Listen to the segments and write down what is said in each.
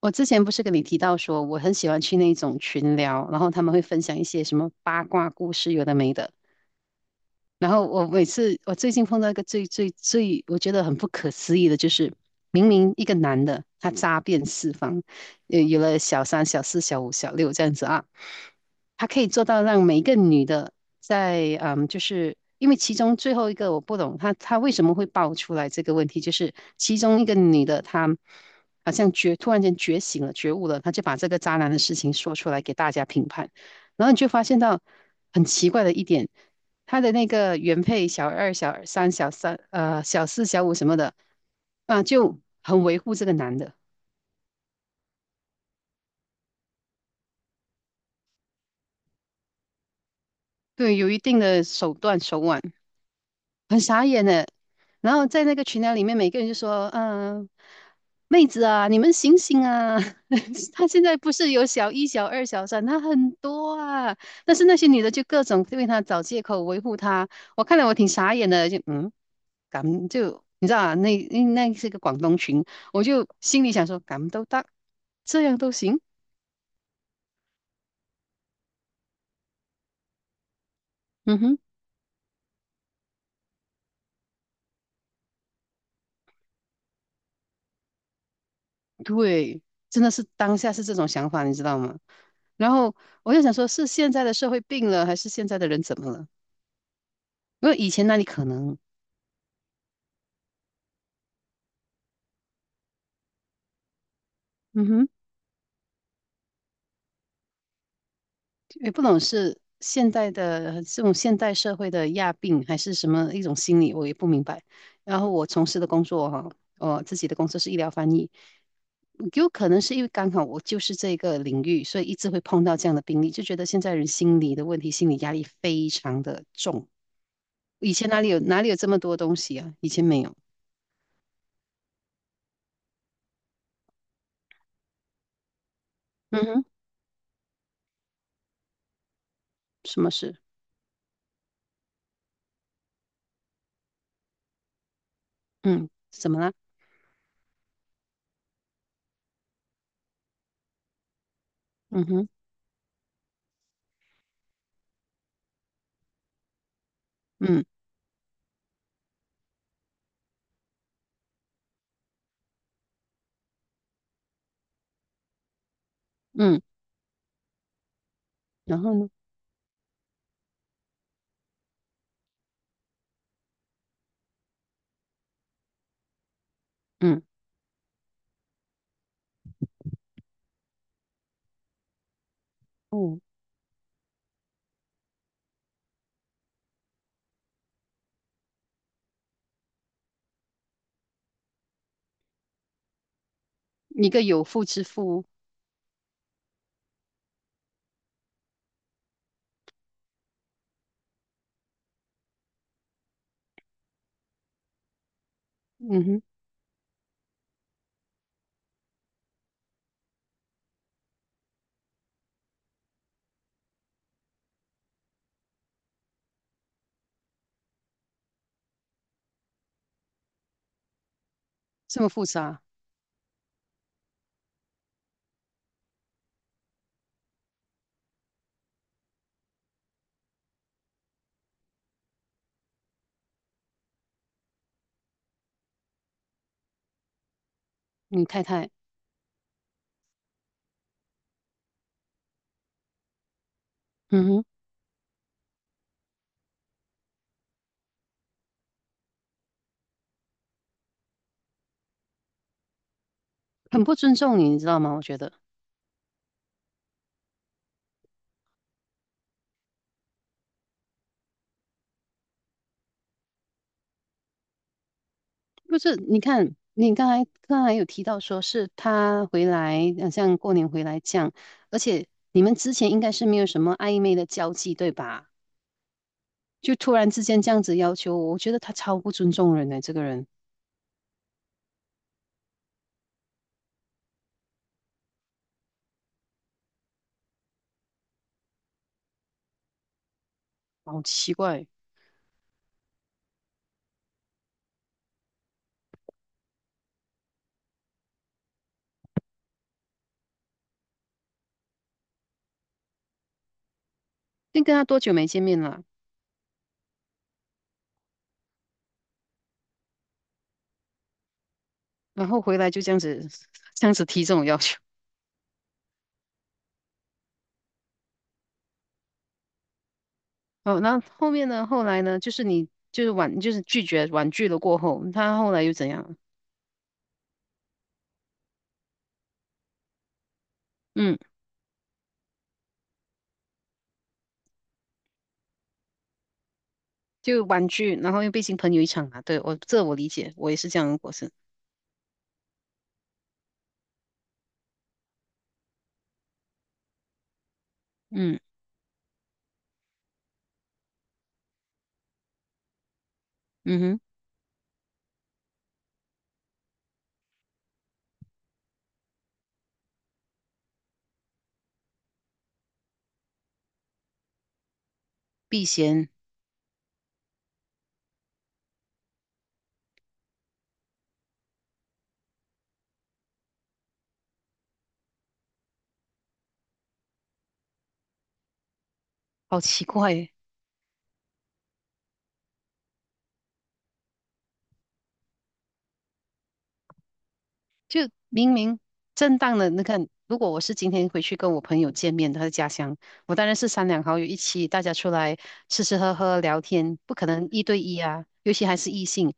我之前不是跟你提到说，我很喜欢去那种群聊，然后他们会分享一些什么八卦故事，有的没的。然后我每次我最近碰到一个最最最我觉得很不可思议的，就是明明一个男的他渣遍四方，有了小三、小四、小五、小六这样子啊，他可以做到让每一个女的就是因为其中最后一个我不懂他为什么会爆出来这个问题，就是其中一个女的她好像突然间觉醒了、觉悟了，她就把这个渣男的事情说出来给大家评判，然后你就发现到很奇怪的一点。他的那个原配小二、小四、小五什么的，啊，就很维护这个男的，对，有一定的手段手腕。很傻眼的，然后在那个群聊里面，每个人就说："嗯、妹子啊，你们醒醒啊！他现在不是有小一、小二、小三，他很多啊。但是那些女的就各种为他找借口维护他，我看了我挺傻眼的，敢就你知道啊，那是个广东群，我就心里想说，敢都得，这样都行，嗯哼。"对，真的是当下是这种想法，你知道吗？然后我就想说，是现在的社会病了，还是现在的人怎么了？因为以前那里可能，嗯哼，也不懂是现代的这种现代社会的亚病，还是什么一种心理，我也不明白。然后我从事的工作哈，我自己的工作是医疗翻译，有可能是因为刚好我就是这个领域，所以一直会碰到这样的病例，就觉得现在人心理的问题，心理压力非常的重。以前哪里有哪里有这么多东西啊？以前没有。嗯哼，什么事？嗯，怎么啦？嗯哼，嗯嗯，然后呢？嗯，哦，一个有妇之夫，嗯哼，这么复杂，你太太，嗯哼，很不尊重你，你知道吗？我觉得不是，你看你刚才有提到说是他回来，好像过年回来这样，而且你们之前应该是没有什么暧昧的交际，对吧？就突然之间这样子要求我，我觉得他超不尊重人的这个人好奇怪。先跟他多久没见面了，然后回来就这样子，这样子提这种要求。哦，那后面呢？后来呢？就是你就是婉，就是拒绝婉拒了过后，他后来又怎样？嗯，就婉拒，然后又被新朋友一场啊。对，我理解，我也是这样的过程。嗯嗯哼，避嫌，好奇怪耶就明明正当的，你看，如果我是今天回去跟我朋友见面，他的家乡，我当然是三两好友一起，大家出来吃吃喝喝聊天，不可能一对一啊，尤其还是异性。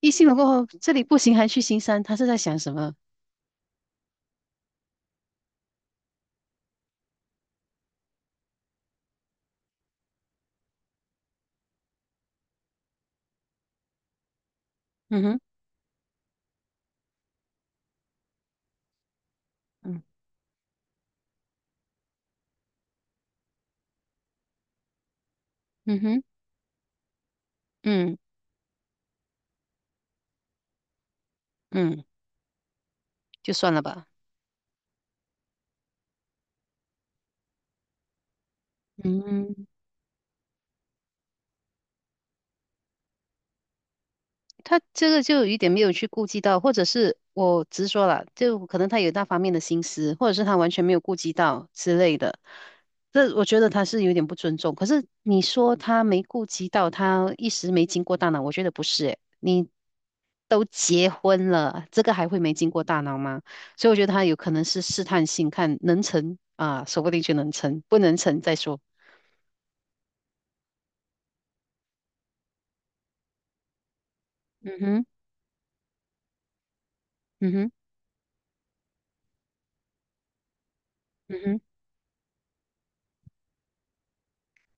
一星了过后，这里不行，还去新山，他是在想什么？嗯哼，嗯嗯哼，嗯嗯，就算了吧。嗯。他这个就有一点没有去顾及到，或者是我直说了，就可能他有那方面的心思，或者是他完全没有顾及到之类的。这我觉得他是有点不尊重。可是你说他没顾及到，他一时没经过大脑，我觉得不是诶，你都结婚了，这个还会没经过大脑吗？所以我觉得他有可能是试探性，看能成啊，说不定就能成，不能成再说。嗯哼，嗯哼，嗯哼。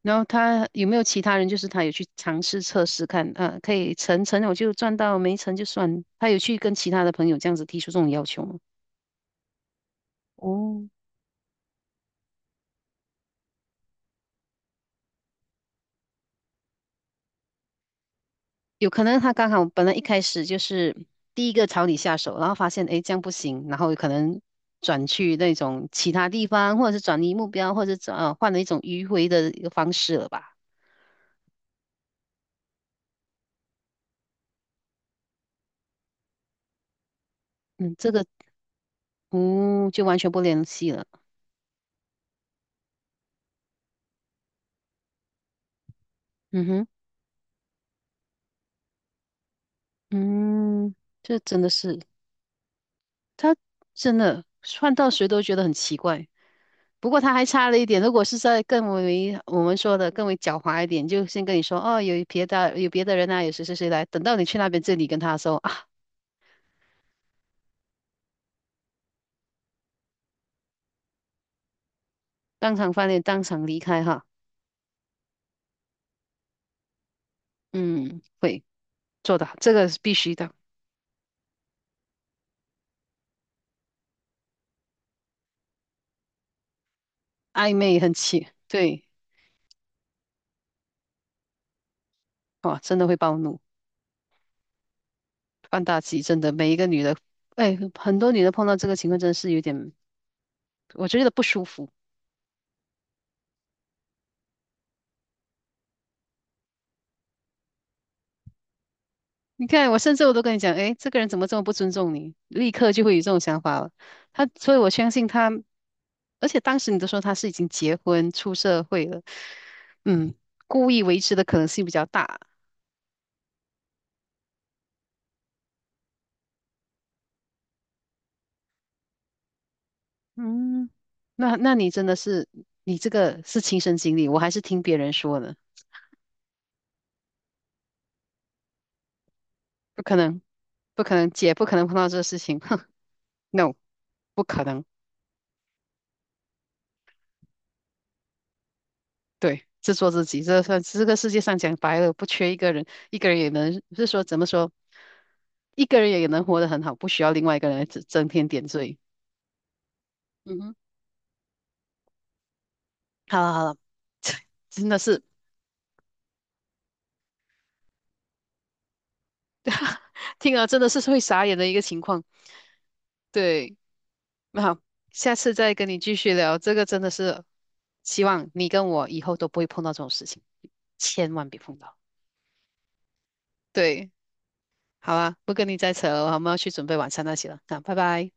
然后他有没有其他人，就是他有去尝试测试看，啊，可以成成我就赚到，没成就算。他有去跟其他的朋友这样子提出这种要求吗？哦，有可能他刚好本来一开始就是第一个朝你下手，然后发现诶这样不行，然后有可能转去那种其他地方，或者是转移目标，或者转呃换了一种迂回的一个方式了吧？嗯，这个嗯就完全不联系了。嗯哼，嗯，这真的是。他真的换到谁都觉得很奇怪。不过他还差了一点，如果是在更为我们说的更为狡猾一点，就先跟你说哦，有别的人啊，有谁谁谁来。等到你去那边这里跟他说啊，当场翻脸，当场离开哈。嗯，会做的，这个是必须的。暧昧很奇，对，哇，真的会暴怒，放大忌，真的每一个女的，哎，很多女的碰到这个情况真的是有点，我觉得不舒服。你看，我甚至我都跟你讲，哎，这个人怎么这么不尊重你？立刻就会有这种想法了。所以我相信他，而且当时你都说他是已经结婚出社会了，嗯，故意维持的可能性比较大。嗯，那你真的是，你这个是亲身经历，我还是听别人说的，不可能，不可能，姐不可能碰到这个事情，哼，no,不可能。对，自作自己，这算这个世界上讲白了，不缺一个人，一个人也能，是说怎么说，一个人也能活得很好，不需要另外一个人来增添点缀。嗯哼，好了好了，真的是听了真的是会傻眼的一个情况。对，那好，下次再跟你继续聊，这个真的是希望你跟我以后都不会碰到这种事情，千万别碰到。对，好啊，不跟你再扯了，我们要去准备晚餐那些了，那拜拜。